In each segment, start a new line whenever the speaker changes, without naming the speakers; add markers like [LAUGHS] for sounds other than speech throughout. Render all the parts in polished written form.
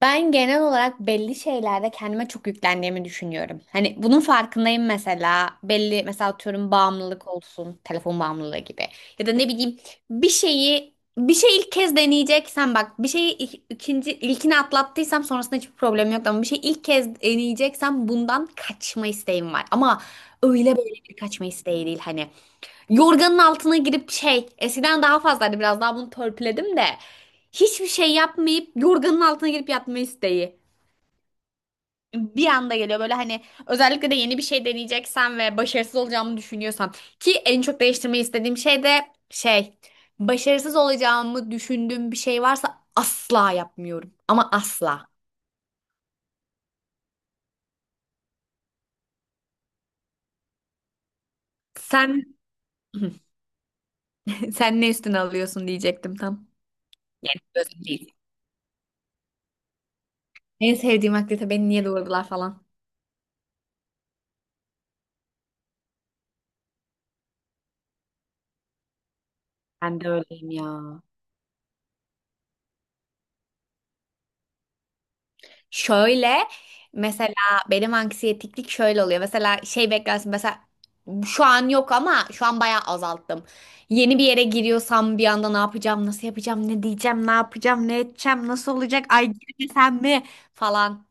Ben genel olarak belli şeylerde kendime çok yüklendiğimi düşünüyorum. Hani bunun farkındayım mesela. Belli mesela atıyorum bağımlılık olsun, telefon bağımlılığı gibi. Ya da ne bileyim bir şeyi bir şey ilk kez deneyeceksen bak bir şeyi ikinci ilkini atlattıysam sonrasında hiçbir problem yok, ama bir şey ilk kez deneyeceksem bundan kaçma isteğim var. Ama öyle böyle bir kaçma isteği değil hani. Yorganın altına girip şey, eskiden daha fazlaydı, biraz daha bunu törpüledim de. Hiçbir şey yapmayıp yorganın altına girip yatma isteği. Bir anda geliyor böyle hani, özellikle de yeni bir şey deneyeceksen ve başarısız olacağımı düşünüyorsam ki en çok değiştirmeyi istediğim şey de şey, başarısız olacağımı düşündüğüm bir şey varsa asla yapmıyorum, ama asla. Sen [LAUGHS] sen ne üstüne alıyorsun diyecektim tam. Yani özel değil. En sevdiğim aktivite beni niye doğurdular falan. Ben de öyleyim ya. Şöyle, mesela benim anksiyetiklik şöyle oluyor. Mesela şey beklersin, mesela şu an yok ama şu an bayağı azalttım. Yeni bir yere giriyorsam bir anda ne yapacağım, nasıl yapacağım, ne diyeceğim, ne yapacağım, ne edeceğim, nasıl olacak, ay girmesem mi falan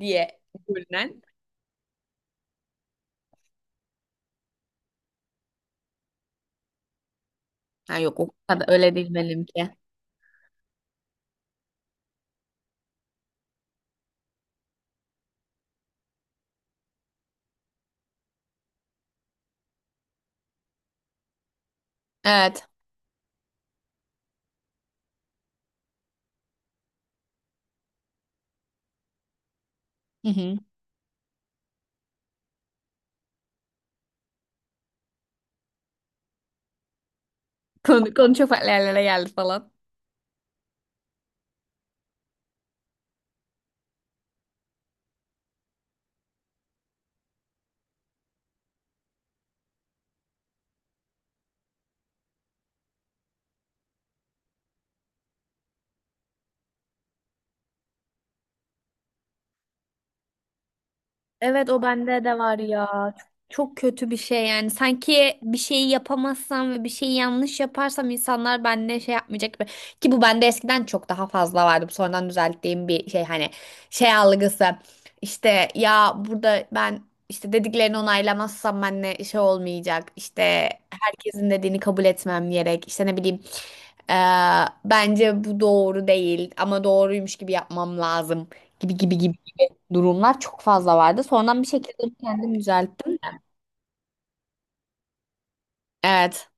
diye düşünen. Ha yok, o kadar öyle değil benimki. Evet. Hı hı. Konu çok farklı yerlere geldi falan. Evet, o bende de var ya. Çok, çok kötü bir şey yani. Sanki bir şeyi yapamazsam ve bir şeyi yanlış yaparsam insanlar benimle şey yapmayacak gibi. Ki bu bende eskiden çok daha fazla vardı. Bu sonradan düzelttiğim bir şey, hani şey algısı. İşte ya burada ben, işte dediklerini onaylamazsam benimle şey olmayacak. İşte herkesin dediğini kabul etmem gerek. İşte ne bileyim eee, bence bu doğru değil ama doğruymuş gibi yapmam lazım, gibi gibi gibi durumlar çok fazla vardı. Sonradan bir şekilde onu kendim düzelttim. Evet.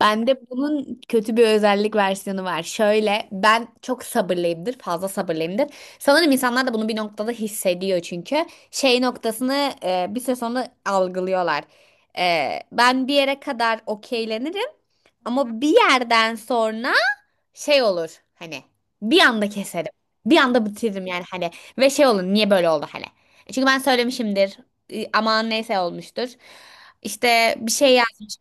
Bende bunun kötü bir özellik versiyonu var. Şöyle, ben çok sabırlıyımdır. Fazla sabırlıyımdır. Sanırım insanlar da bunu bir noktada hissediyor çünkü. Şey noktasını bir süre sonra algılıyorlar. E, ben bir yere kadar okeylenirim. Ama bir yerden sonra şey olur hani, bir anda keserim. Bir anda bitiririm yani hani, ve şey olur, niye böyle oldu hani. E, çünkü ben söylemişimdir, aman neyse olmuştur. İşte bir şey yazmış,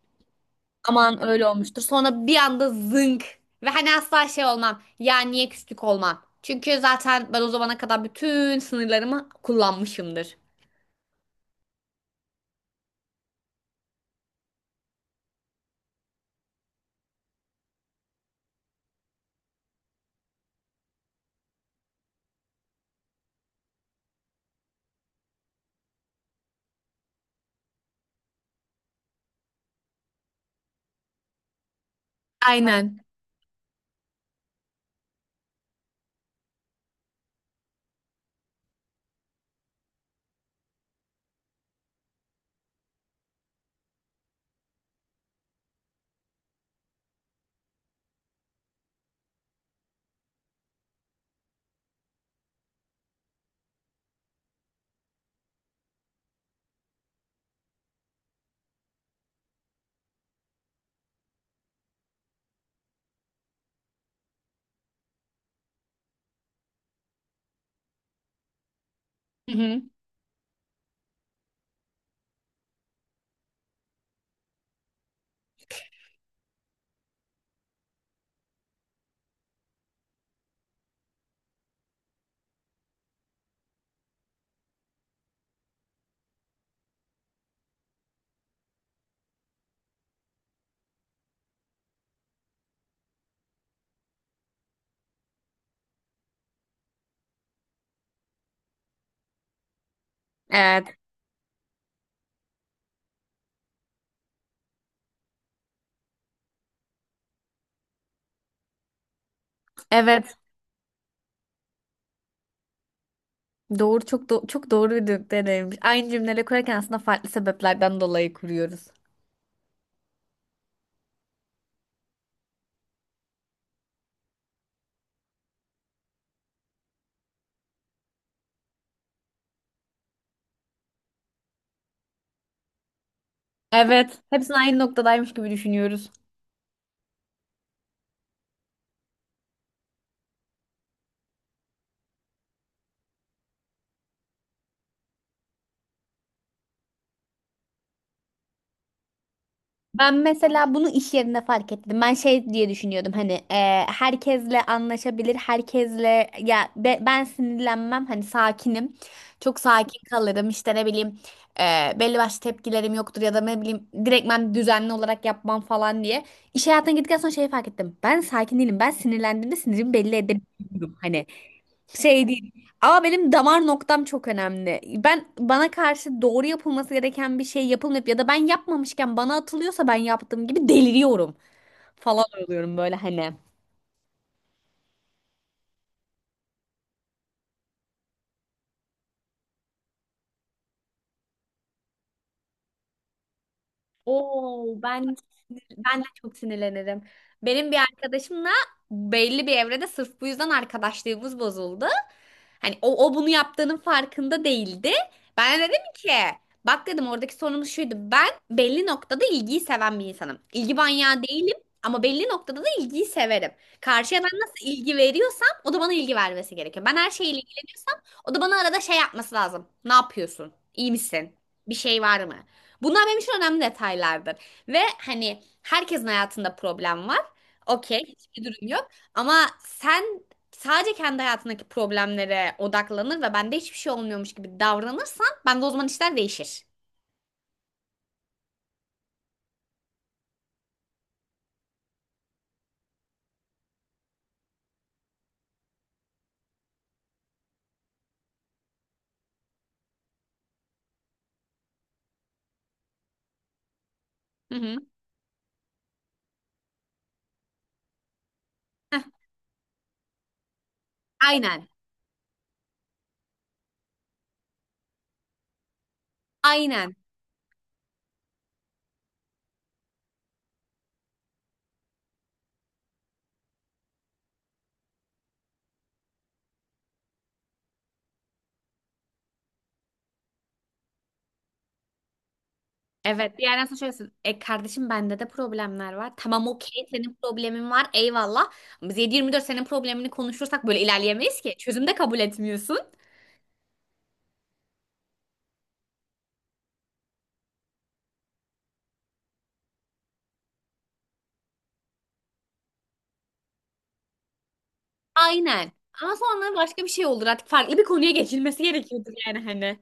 aman öyle olmuştur. Sonra bir anda zınk, ve hani asla şey olmam ya, niye küslük olmam. Çünkü zaten ben o zamana kadar bütün sınırlarımı kullanmışımdır. Aynen. Hı hı. Evet. Evet. Doğru, çok çok doğru bir deneyimmiş. Aynı cümleleri kurarken aslında farklı sebeplerden dolayı kuruyoruz. Evet. Hepsini aynı noktadaymış gibi düşünüyoruz. Ben mesela bunu iş yerinde fark ettim. Ben şey diye düşünüyordum hani, herkesle anlaşabilir, herkesle ya ben sinirlenmem hani, sakinim. Çok sakin kalırım işte, ne bileyim belli başlı tepkilerim yoktur ya da ne bileyim direktmen düzenli olarak yapmam falan diye. İş hayatına gittikten sonra şeyi fark ettim. Ben sakin değilim. Ben sinirlendiğimde sinirimi belli edebiliyorum hani. Şey değil. Ama benim damar noktam çok önemli. Ben bana karşı doğru yapılması gereken bir şey yapılmayıp ya da ben yapmamışken bana atılıyorsa ben yaptığım gibi deliriyorum falan oluyorum böyle hani. Oo ben de çok sinirlenirim. Benim bir arkadaşımla belli bir evrede sırf bu yüzden arkadaşlığımız bozuldu. Hani o bunu yaptığının farkında değildi. Ben de dedim ki bak dedim, oradaki sorunumuz şuydu. Ben belli noktada ilgiyi seven bir insanım. İlgi manyağı değilim ama belli noktada da ilgiyi severim. Karşıya ben nasıl ilgi veriyorsam o da bana ilgi vermesi gerekiyor. Ben her şeyle ilgileniyorsam o da bana arada şey yapması lazım. Ne yapıyorsun? İyi misin? Bir şey var mı? Bunlar benim için önemli detaylardır. Ve hani herkesin hayatında problem var. Okey, hiçbir durum yok. Ama sen sadece kendi hayatındaki problemlere odaklanır ve bende hiçbir şey olmuyormuş gibi davranırsan bende o zaman işler değişir. Hı hı. Heh, aynen. Aynen. Evet. Bir yerden sonra şöyle söylüyorsun, E kardeşim, bende de problemler var. Tamam, okey, senin problemin var. Eyvallah. Ama biz 7-24 senin problemini konuşursak böyle ilerleyemeyiz ki. Çözüm de kabul etmiyorsun. Aynen. Ama sonra başka bir şey olur, artık farklı bir konuya geçilmesi gerekiyordur yani hani.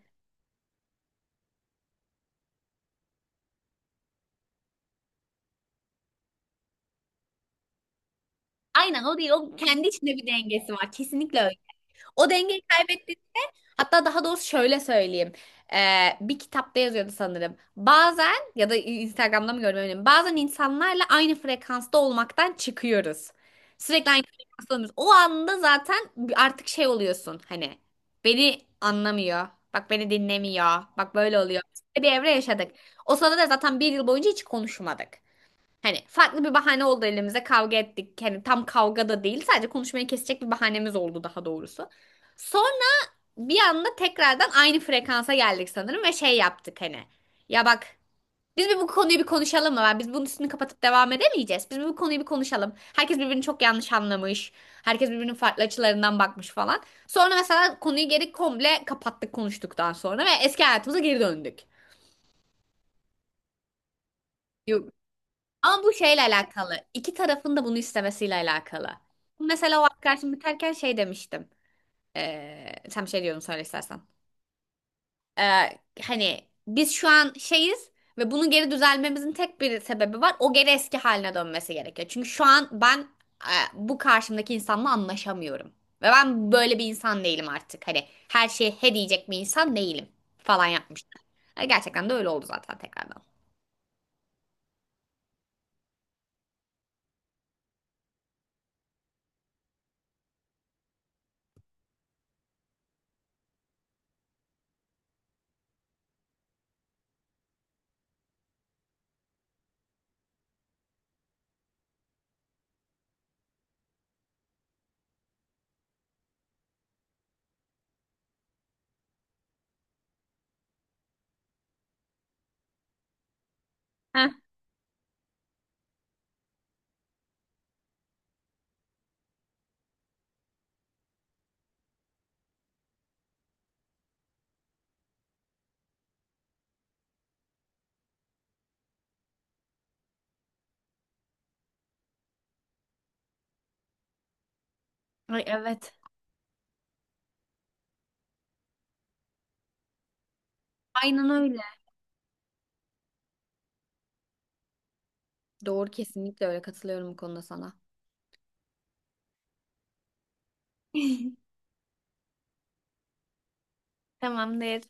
Aynen, o değil. O kendi içinde bir dengesi var. Kesinlikle öyle. O dengeyi kaybettiğinde, hatta daha doğrusu şöyle söyleyeyim. Bir kitapta yazıyordu sanırım. Bazen, ya da Instagram'da mı görmüyorum. Bazen insanlarla aynı frekansta olmaktan çıkıyoruz. Sürekli aynı frekansta olmuyoruz. O anda zaten artık şey oluyorsun hani, beni anlamıyor. Bak beni dinlemiyor. Bak böyle oluyor. Bir evre yaşadık. O sırada da zaten bir yıl boyunca hiç konuşmadık. Hani farklı bir bahane oldu elimize, kavga ettik. Hani tam kavga da değil, sadece konuşmayı kesecek bir bahanemiz oldu daha doğrusu. Sonra bir anda tekrardan aynı frekansa geldik sanırım ve şey yaptık hani. Ya bak, biz bir bu konuyu bir konuşalım mı? Biz bunun üstünü kapatıp devam edemeyeceğiz. Biz bir bu konuyu bir konuşalım. Herkes birbirini çok yanlış anlamış. Herkes birbirinin farklı açılarından bakmış falan. Sonra mesela konuyu geri komple kapattık konuştuktan sonra ve eski hayatımıza geri döndük. Ama bu şeyle alakalı. İki tarafın da bunu istemesiyle alakalı. Mesela o arkadaşım biterken şey demiştim. Sen bir şey diyordun, söyle istersen. Hani biz şu an şeyiz ve bunun geri düzelmemizin tek bir sebebi var. O geri eski haline dönmesi gerekiyor. Çünkü şu an ben, bu karşımdaki insanla anlaşamıyorum. Ve ben böyle bir insan değilim artık. Hani her şeye he diyecek bir insan değilim falan yapmıştım. E, gerçekten de öyle oldu zaten tekrardan. Heh. Ay evet. Aynen öyle. Doğru, kesinlikle öyle, katılıyorum bu konuda sana. [LAUGHS] Tamamdır.